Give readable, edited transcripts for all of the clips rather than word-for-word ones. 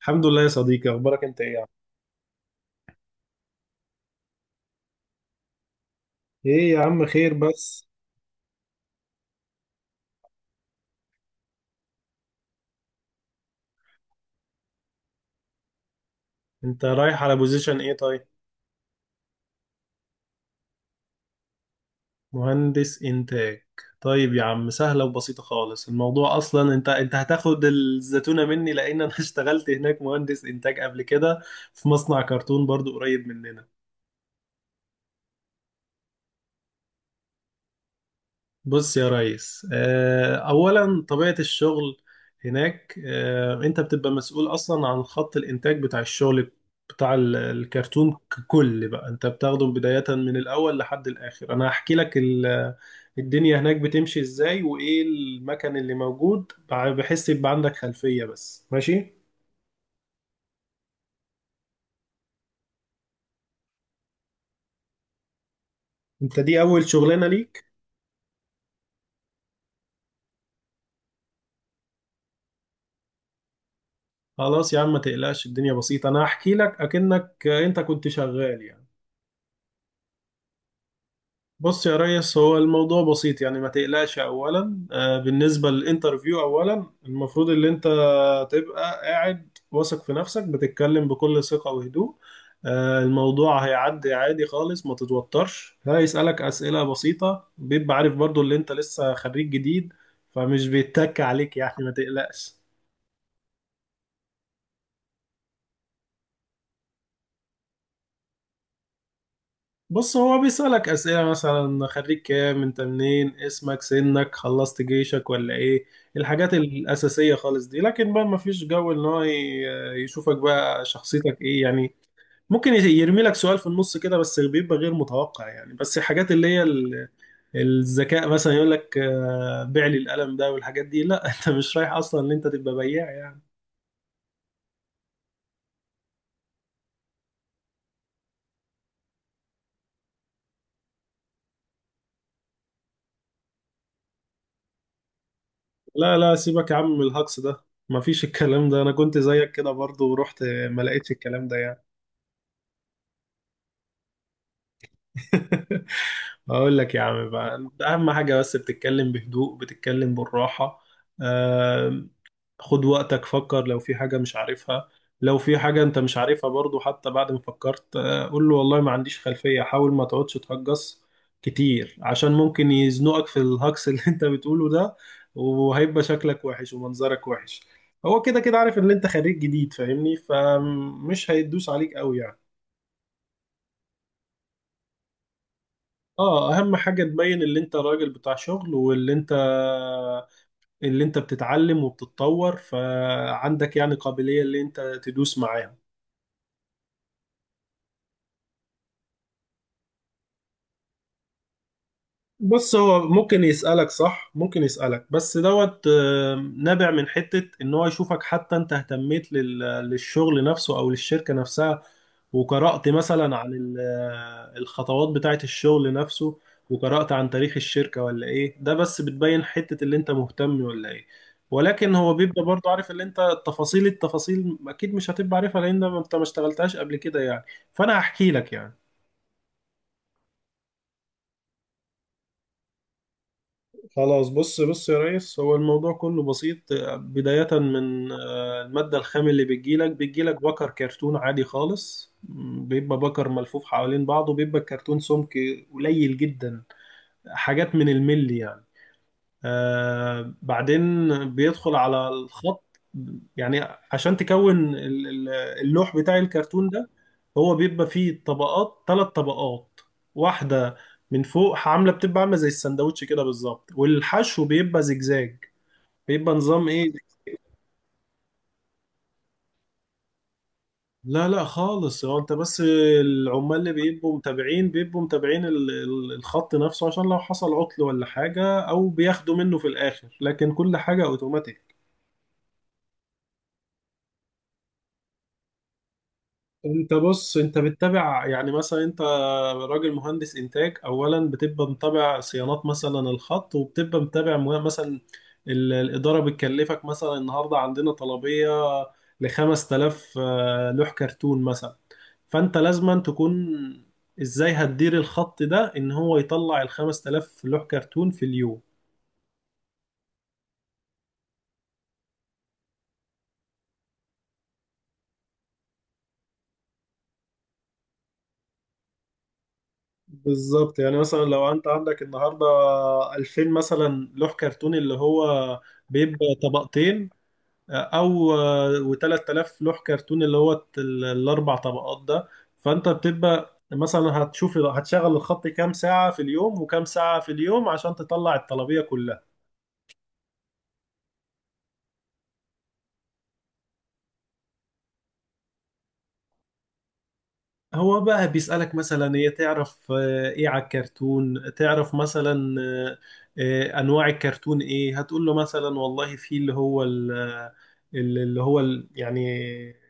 الحمد لله يا صديقي، اخبارك انت ايه يا عم؟ ايه يا عم، خير؟ بس انت رايح على بوزيشن ايه طيب؟ مهندس انتاج. طيب يا عم، سهله وبسيطه خالص. الموضوع اصلا انت هتاخد الزتونه مني لان انا اشتغلت هناك مهندس انتاج قبل كده، في مصنع كرتون برضو قريب مننا. بص يا ريس، أولا طبيعة الشغل هناك، أنت بتبقى مسؤول أصلا عن خط الإنتاج بتاع الشغل، بتاع الكرتون ككل. بقى أنت بتاخده بداية من الأول لحد الآخر. أنا هحكي لك الدنيا هناك بتمشي إزاي وإيه المكان اللي موجود، بحيث يبقى عندك خلفية بس، ماشي؟ أنت دي أول شغلانة ليك. خلاص يا عم، ما تقلقش، الدنيا بسيطة، أنا هحكي لك أكنك أنت كنت شغال يعني. بص يا ريس، هو الموضوع بسيط يعني، ما تقلقش. اولا بالنسبه للانترفيو، اولا المفروض ان انت تبقى قاعد واثق في نفسك، بتتكلم بكل ثقه وهدوء. الموضوع هيعدي عادي خالص، ما تتوترش. هيسالك اسئله بسيطه، بيبقى عارف برضو اللي انت لسه خريج جديد، فمش بيتك عليك يعني، ما تقلقش. بص، هو بيسألك أسئلة مثلا: خريج كام، انت منين، اسمك، سنك، خلصت جيشك ولا ايه، الحاجات الأساسية خالص دي. لكن بقى مفيش جو ان هو يشوفك بقى شخصيتك ايه يعني. ممكن يرمي لك سؤال في النص كده، بس بيبقى غير متوقع يعني. بس الحاجات اللي هي الذكاء، مثلا يقول لك بيع لي القلم ده والحاجات دي، لا انت مش رايح اصلا ان انت تبقى بياع يعني. لا لا، سيبك يا عم من الهجص ده، مفيش الكلام ده. انا كنت زيك كده برضو ورحت ما لقيتش الكلام ده يعني. اقول لك يا عم، بقى أنت اهم حاجه بس بتتكلم بهدوء، بتتكلم بالراحه. آم، خد وقتك، فكر. لو في حاجه مش عارفها، لو في حاجه انت مش عارفها برضو حتى بعد ما فكرت، قول له والله ما عنديش خلفيه. حاول ما تقعدش تهجص كتير، عشان ممكن يزنقك في الهجص اللي انت بتقوله ده، وهيبقى شكلك وحش ومنظرك وحش. هو كده كده عارف ان انت خريج جديد فاهمني، فمش هيدوس عليك قوي يعني. اه، اهم حاجه تبين اللي انت راجل بتاع شغل، واللي انت اللي انت بتتعلم وبتتطور، فعندك يعني قابليه اللي انت تدوس معاهم. بص، هو ممكن يسألك صح، ممكن يسألك، بس دوت نابع من حتة ان هو يشوفك حتى انت اهتميت للشغل نفسه او للشركة نفسها، وقرأت مثلا عن الخطوات بتاعة الشغل نفسه، وقرأت عن تاريخ الشركة ولا ايه. ده بس بتبين حتة اللي انت مهتم ولا ايه. ولكن هو بيبقى برضه عارف اللي انت، التفاصيل التفاصيل اكيد مش هتبقى عارفها لان انت ما اشتغلتهاش قبل كده يعني، فانا هحكي لك يعني. خلاص، بص بص يا ريس، هو الموضوع كله بسيط. بداية من المادة الخام اللي بتجيلك بكر كرتون عادي خالص، بيبقى بكر ملفوف حوالين بعضه، بيبقى الكرتون سمك قليل جدا، حاجات من الملي يعني. آه بعدين بيدخل على الخط يعني، عشان تكون اللوح بتاع الكرتون ده، هو بيبقى فيه طبقات، ثلاث طبقات. واحدة من فوق بتبقى عاملة زي السندوتش كده بالظبط، والحشو بيبقى زجزاج، بيبقى نظام ايه. لا لا خالص، هو انت بس. العمال اللي بيبقوا متابعين الخط نفسه عشان لو حصل عطل ولا حاجة، او بياخدوا منه في الاخر، لكن كل حاجة اوتوماتيك. انت بص، انت بتتابع يعني. مثلا انت راجل مهندس انتاج، اولا بتبقى متابع صيانات مثلا الخط، وبتبقى متابع مثلا الاداره بتكلفك مثلا النهارده عندنا طلبيه ل 5000 لوح كرتون مثلا، فانت لازما تكون، ازاي هتدير الخط ده ان هو يطلع ال 5000 لوح كرتون في اليوم. بالظبط يعني، مثلا لو انت عندك النهارده 2000 مثلا لوح كرتون اللي هو بيبقى طبقتين، او و3000 لوح كرتون اللي هو الاربع طبقات ده، فانت بتبقى مثلا هتشوف هتشغل الخط كام ساعة في اليوم، وكام ساعة في اليوم عشان تطلع الطلبية كلها. هو بقى بيسألك مثلا: هي تعرف ايه على الكرتون؟ تعرف مثلا انواع الكرتون ايه؟ هتقول له مثلا والله في اللي هو يعني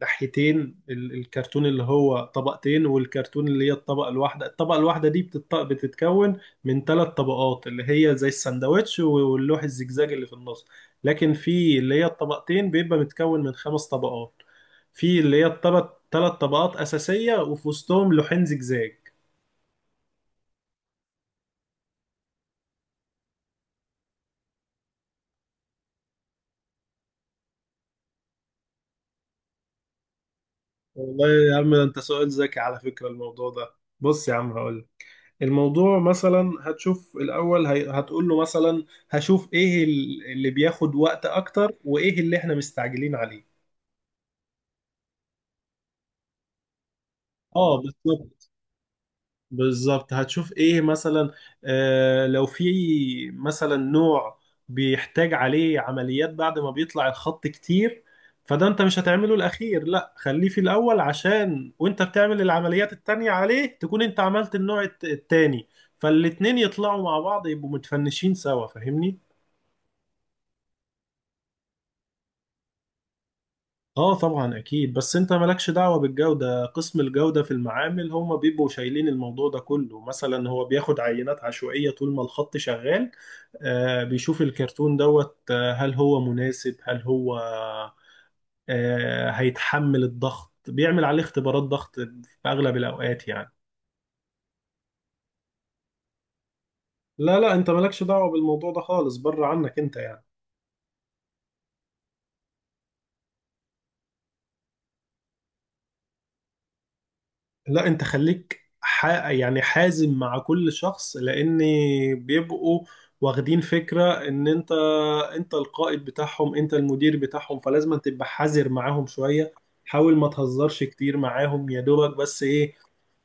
ناحيتين الكرتون، اللي هو طبقتين، والكرتون اللي هي الطبقة الواحدة. الطبقة الواحدة دي بتتكون من ثلاث طبقات اللي هي زي السندوتش، واللوح الزجزاج اللي في النص. لكن في اللي هي الطبقتين بيبقى متكون من خمس طبقات، في اللي هي الطبق ثلاث طبقات أساسية وفي وسطهم لوحين زجزاج. والله يا عم ده انت سؤال ذكي على فكرة الموضوع ده. بص يا عم، هقول الموضوع مثلا. هتشوف الأول هتقول له مثلا، هشوف ايه اللي بياخد وقت أكتر وايه اللي احنا مستعجلين عليه. اه بالظبط، بالظبط هتشوف ايه مثلا. آه لو في مثلا نوع بيحتاج عليه عمليات بعد ما بيطلع الخط كتير، فده انت مش هتعمله الاخير، لا خليه في الاول، عشان وانت بتعمل العمليات التانية عليه تكون انت عملت النوع التاني، فالاتنين يطلعوا مع بعض، يبقوا متفنشين سوا فاهمني. اه طبعا اكيد، بس انت مالكش دعوة بالجودة، قسم الجودة في المعامل هم بيبقوا شايلين الموضوع ده كله. مثلا هو بياخد عينات عشوائية طول ما الخط شغال، آه بيشوف الكرتون دوت، آه هل هو مناسب، هل هو آه هيتحمل الضغط، بيعمل عليه اختبارات ضغط في اغلب الاوقات يعني. لا لا، انت مالكش دعوة بالموضوع ده خالص، بره عنك انت يعني. لا، انت خليك يعني حازم مع كل شخص، لان بيبقوا واخدين فكرة ان انت، انت القائد بتاعهم انت المدير بتاعهم، فلازم تبقى حذر معاهم شوية. حاول ما تهزرش كتير معاهم، يا دوبك، بس ايه،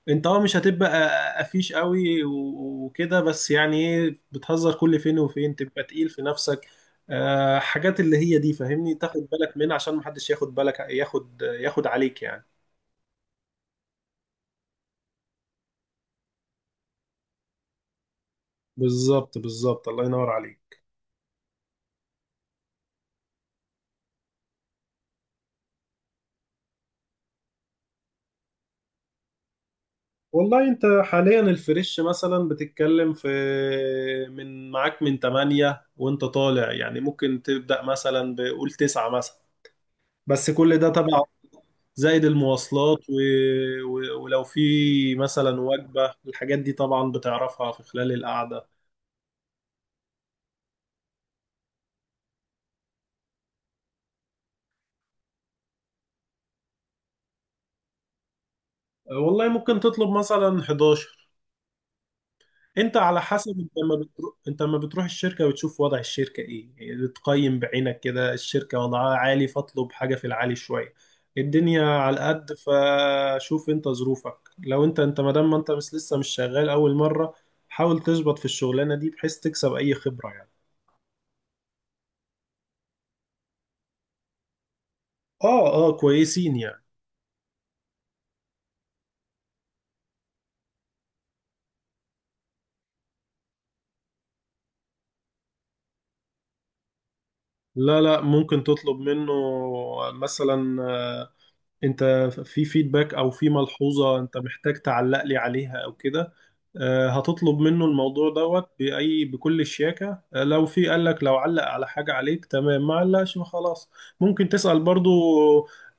انت اه مش هتبقى قفيش قوي وكده، بس يعني ايه، بتهزر كل فين وفين، تبقى تقيل في نفسك. آه حاجات اللي هي دي فاهمني، تاخد بالك منها عشان محدش ياخد بالك ياخد عليك يعني. بالظبط، بالظبط الله ينور عليك. والله انت حاليا الفريش، مثلا بتتكلم في من، معاك من 8 وانت طالع، يعني ممكن تبدأ مثلا بقول 9 مثلا، بس كل ده تبع، زائد المواصلات ولو في مثلا وجبة، الحاجات دي طبعا بتعرفها في خلال القعدة. والله ممكن تطلب مثلا 11، انت على حسب، انت لما بتروح، انت لما بتروح الشركه بتشوف وضع الشركه ايه يعني، بتقيم بعينك كده، الشركه وضعها عالي فاطلب حاجه في العالي شويه. الدنيا على قد، فشوف انت ظروفك. لو انت، انت ما دام ما انت مش لسه مش شغال اول مره، حاول تظبط في الشغلانه دي بحيث تكسب اي خبره يعني. اه اه كويسين يعني. لا لا، ممكن تطلب منه مثلا، انت في فيدباك او في ملحوظة انت محتاج تعلق لي عليها او كده. هتطلب منه الموضوع دوت بأي بكل الشياكة. لو في قال لك، لو علق على حاجة عليك تمام، ما علقش خلاص، ممكن تسأل برضو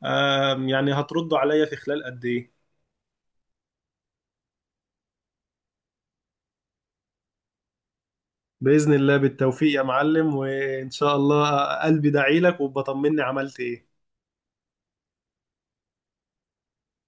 يعني هترد عليا في خلال قد ايه. بإذن الله، بالتوفيق يا معلم، وإن شاء الله قلبي دعيلك وبطمني عملت ايه.